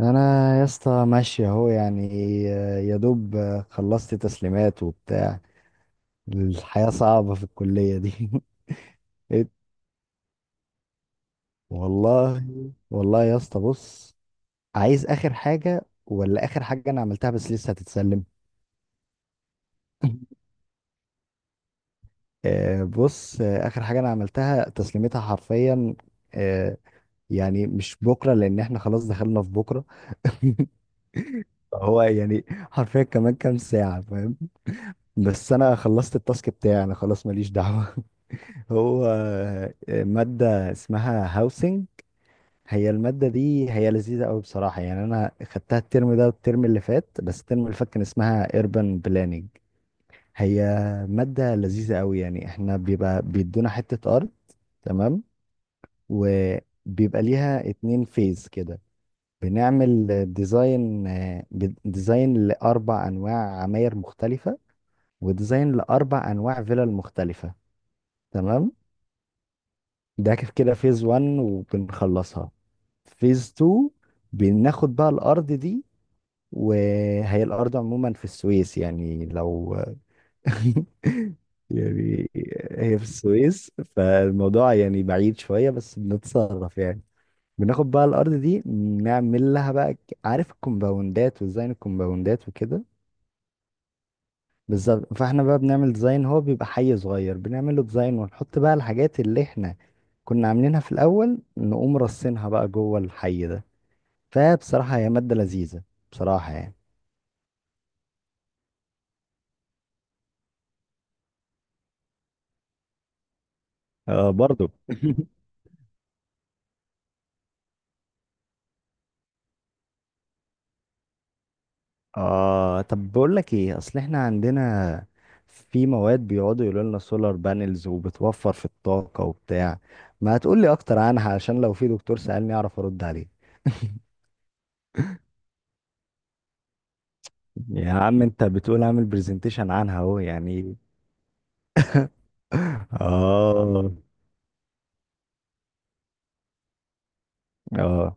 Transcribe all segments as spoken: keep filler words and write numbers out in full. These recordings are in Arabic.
انا، يا اسطى، ماشي اهو يعني. آه، يا دوب، آه، خلصت تسليمات وبتاع. الحياة صعبة في الكلية دي. إيه؟ والله. والله يا اسطى بص، عايز اخر حاجة ولا اخر حاجة انا عملتها بس لسه هتتسلم. آه، بص، آه، اخر حاجة انا عملتها تسليمتها حرفيا، آه، يعني مش بكرة لان احنا خلاص دخلنا في بكرة. هو يعني حرفيا كمان كام ساعة، فاهم؟ بس انا خلصت التاسك بتاعي، انا خلاص ماليش دعوة. هو آه، مادة اسمها هاوسنج. هي المادة دي هي لذيذة قوي بصراحة يعني، أنا خدتها الترم ده والترم اللي فات، بس الترم اللي فات كان اسمها urban planning. هي مادة لذيذة قوي يعني. احنا بيبقى بيدونا حتة أرض، تمام، وبيبقى ليها اتنين فيز كده. بنعمل ديزاين، ديزاين لأربع أنواع عماير مختلفة، وديزاين لأربع أنواع فيلل مختلفة، تمام. ده كده فيز واحد وبنخلصها. فيز اتنين بناخد بقى الارض دي. وهي الارض عموما في السويس يعني، لو يعني هي في السويس، فالموضوع يعني بعيد شوية بس بنتصرف يعني. بناخد بقى الأرض دي، نعمل لها بقى، ك- عارف الكومباوندات وديزاين الكومباوندات وكده. بالظبط، فاحنا بقى بنعمل ديزاين. هو بيبقى حي صغير، بنعمل له ديزاين ونحط بقى الحاجات اللي احنا كنا عاملينها في الأول، نقوم رصينها بقى جوه الحي ده. فبصراحة هي مادة لذيذة بصراحة يعني. آه برضو. اه، طب بقول لك ايه، اصل احنا عندنا في مواد بيقعدوا يقولوا لنا سولار بانلز وبتوفر في الطاقة وبتاع. ما هتقول لي اكتر عنها عشان لو في دكتور سألني اعرف ارد عليه. يا عم انت بتقول اعمل برزنتيشن عنها اهو يعني. اه. اه.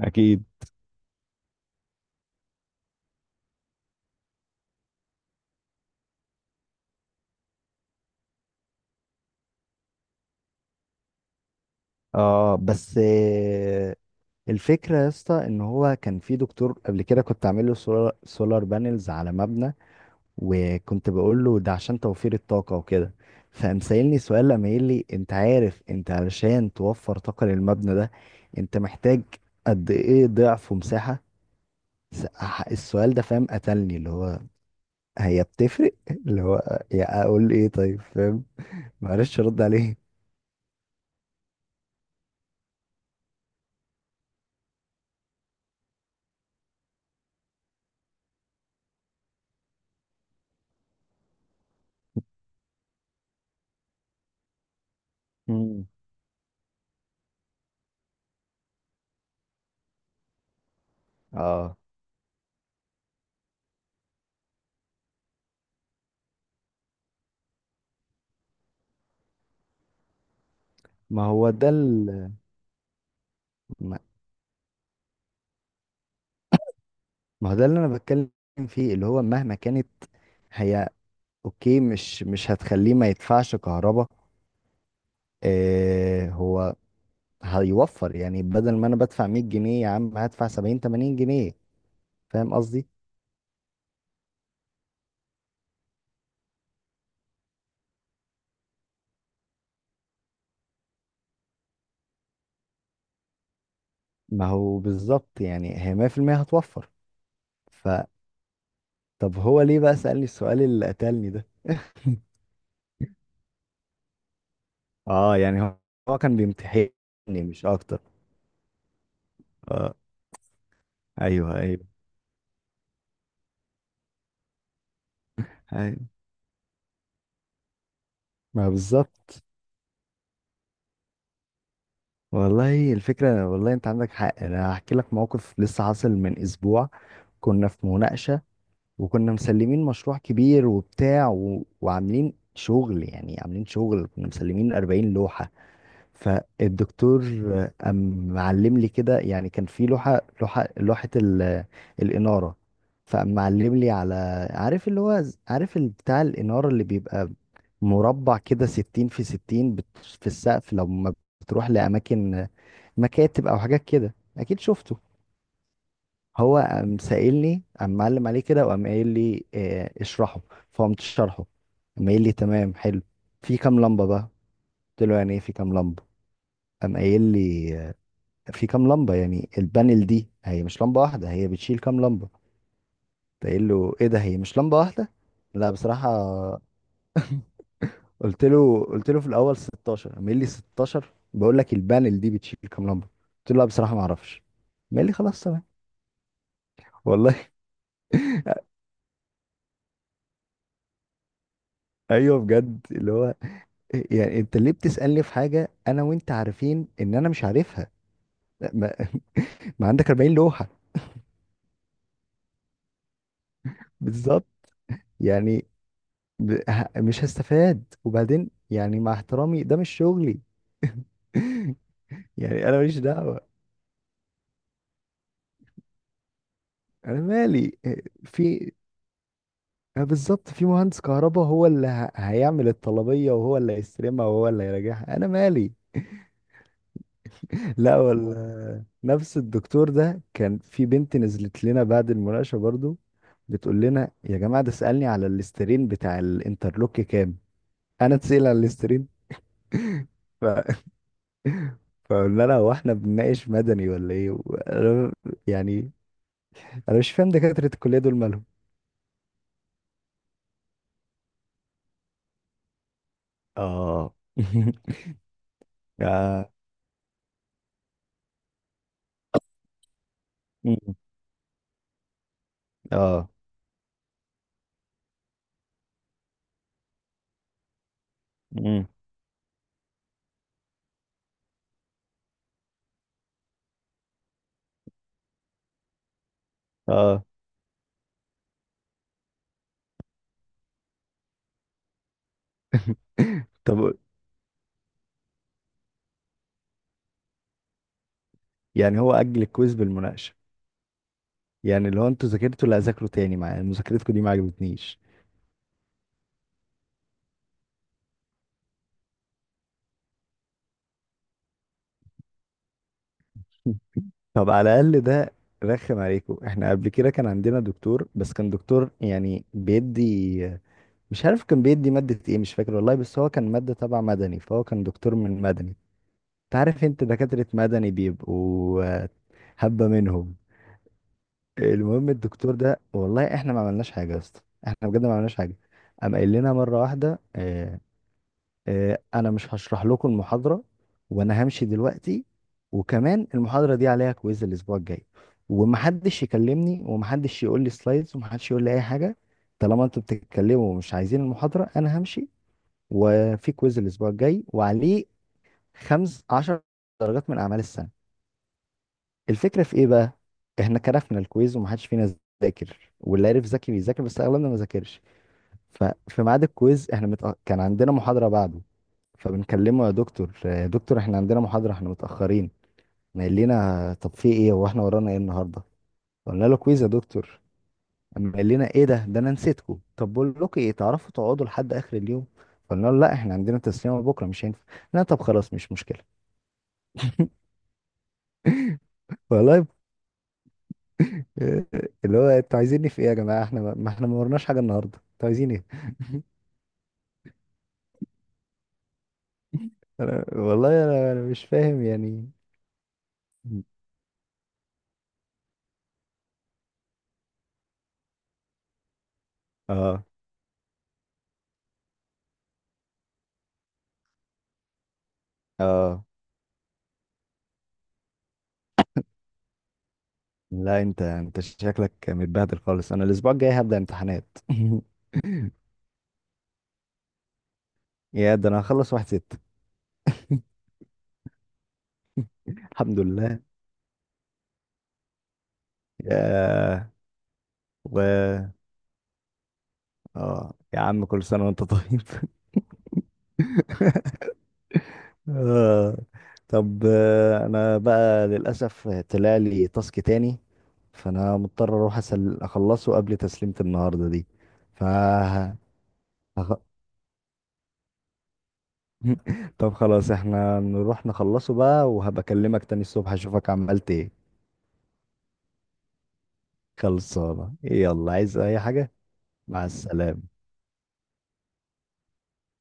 اكيد. اه بس، آه، الفكرة يا اسطى ان هو كان في دكتور قبل كده، كنت عامل له سولار، سولار بانلز على مبنى، وكنت بقول له ده عشان توفير الطاقة وكده. فقام سألني سؤال، لما قال لي انت عارف انت علشان توفر طاقة للمبنى ده انت محتاج قد ايه ضعف ومساحة. س- ح- السؤال ده، فاهم، قتلني. اللي هو هي بتفرق. اللي هو، يا اقول ايه طيب، فاهم، معرفش ارد عليه. مم. اه، ما هو ده ال... ما ما هو ده اللي انا بتكلم فيه، اللي هو مهما كانت هي، اوكي، مش مش هتخليه ما يدفعش كهرباء. آه، هو هيوفر يعني، بدل ما انا بدفع مية جنيه يا عم هدفع سبعين ثمانين جنيه. فاهم قصدي؟ ما هو بالظبط يعني، هي مية في المية هتوفر. فطب هو ليه بقى سألني السؤال اللي قتلني ده؟ اه يعني هو، هو كان بيمتحنني مش اكتر. اه. ايوه ايوه. أيوة. ما بالظبط. والله الفكرة، والله انت عندك حق. انا هحكي لك موقف لسه حاصل من اسبوع. كنا في مناقشة، وكنا مسلمين مشروع كبير وبتاع، و... وعاملين شغل يعني، عاملين شغل، كنا مسلمين أربعين لوحة. فالدكتور قام معلم لي كده، يعني كان في لوحة، لوحة لوحة ال... الإنارة. فقام معلم لي على، عارف اللي هو، ز- عارف ال- بتاع الإنارة اللي بيبقى مربع كده، ستين في ستين، بت... في السقف لما بتروح لأماكن، مكاتب أو حاجات كده، أكيد شفته. هو قام سائلني، قام معلم عليه كده وقام قايل لي، آه، اشرحه. فقمت شرحه. قام قايل لي تمام، حلو، في كام لمبة بقى؟ قلت له يعني ايه في كام لمبة؟ قام قايل لي آه، في كام لمبة، يعني البانل دي هي مش لمبة واحدة، هي بتشيل كام لمبة. قمت قايل له ايه ده، هي مش لمبة واحدة؟ لا بصراحة. قلت له قلت له في الأول ستاشر. قام قايل لي ستاشر؟ بقول لك البانل دي بتشيل كام لمبة. قلت له لا بصراحة ما اعرفش. قام قايل لي خلاص تمام. والله. ايوه بجد، اللي هو يعني انت ليه بتسألني في حاجة انا وانت عارفين ان انا مش عارفها؟ ما, ما عندك أربعين لوحة. بالظبط يعني، ب- ه- مش هستفاد. وبعدين يعني، مع احترامي، ده مش شغلي. يعني انا ماليش دعوة. انا مالي، آه، في، اه بالظبط في مهندس كهرباء هو اللي ه- هيعمل الطلبية، وهو اللي هيستلمها، وهو اللي هيراجعها. انا مالي. لا، ولا نفس الدكتور ده، كان في بنت نزلت لنا بعد المناقشة برضو بتقول لنا يا جماعة، ده سألني على الاسترين بتاع الانترلوك كام. انا اتسأل على الاسترين؟ ف... فقلنا لها هو احنا بنناقش مدني ولا ايه و- أنا- يعني انا مش فاهم دكاترة الكلية دول مالهم. اه. اه. مم. اه. مم. اه. طب، يعني هو أجل الكويز بالمناقشة؟ يعني لو انتوا ذاكرتوا لا، ذاكروا تاني مع مذاكرتكم دي ما عجبتنيش. طب على الاقل ده رخم عليكم. احنا قبل كده كان عندنا دكتور، بس كان دكتور يعني بيدي، مش عارف كان بيدي مادة ايه مش فاكر والله، بس هو كان مادة تبع مدني، فهو كان دكتور من مدني. انت عارف انت دكاترة مدني بيبقوا آه، هبة منهم. المهم الدكتور ده، والله احنا ما عملناش حاجة يا اسطى، احنا بجد ما عملناش حاجة. قام قايل لنا مرة واحدة آه، آه، انا مش هشرح لكم المحاضره، وانا همشي دلوقتي، وكمان المحاضره دي عليها كويز الاسبوع الجاي، ومحدش يكلمني، ومحدش يقول لي سلايدز، ومحدش يقول لي اي حاجه، طالما انتوا بتتكلموا ومش عايزين المحاضره انا همشي، وفي كويز الاسبوع الجاي وعليه خمس عشر درجات من اعمال السنه. الفكره في ايه بقى، احنا كرفنا الكويز ومحدش فينا ذاكر، واللي عرف ذكي بيذاكر بس اغلبنا ما ذاكرش. ففي ميعاد الكويز احنا متأ... كان عندنا محاضرة بعده. فبنكلمه يا دكتور، يا دكتور احنا عندنا محاضرة احنا متأخرين. ما قال لنا طب في ايه، هو احنا ورانا ايه النهاردة؟ قلنا له كويز يا دكتور. اما قال لنا ايه ده، ده انا نسيتكم، طب بقول لكم ايه، تعرفوا تقعدوا لحد اخر اليوم؟ قلنا له لا احنا عندنا تسليمة بكرة، مش هينفع. لا طب خلاص مش مشكلة. والله ب- اللي هو انتوا عايزيني في ايه يا جماعة، احنا ما ما احنا ما ورناش حاجة النهاردة، انتوا عايزين ايه؟ أنا... والله انا، أنا مش فاهم يعني. اه. اه. لا انت، انت شكلك متبهدل خالص. انا الاسبوع الجاي هبدأ امتحانات. يا ده انا هخلص واحد ست. الحمد لله. يا، و اه يا عم، كل سنة وانت طيب. آه. طب، آه، انا بقى للاسف طلع لي تاسك تاني، فانا مضطر اروح أسل... اخلصه قبل تسليمة النهاردة دي. ف هخ- طب خلاص احنا نروح نخلصه بقى، وهبكلمك تاني الصبح اشوفك عملت ايه. خلصانة، يلا عايز أي حاجة؟ مع السلامة.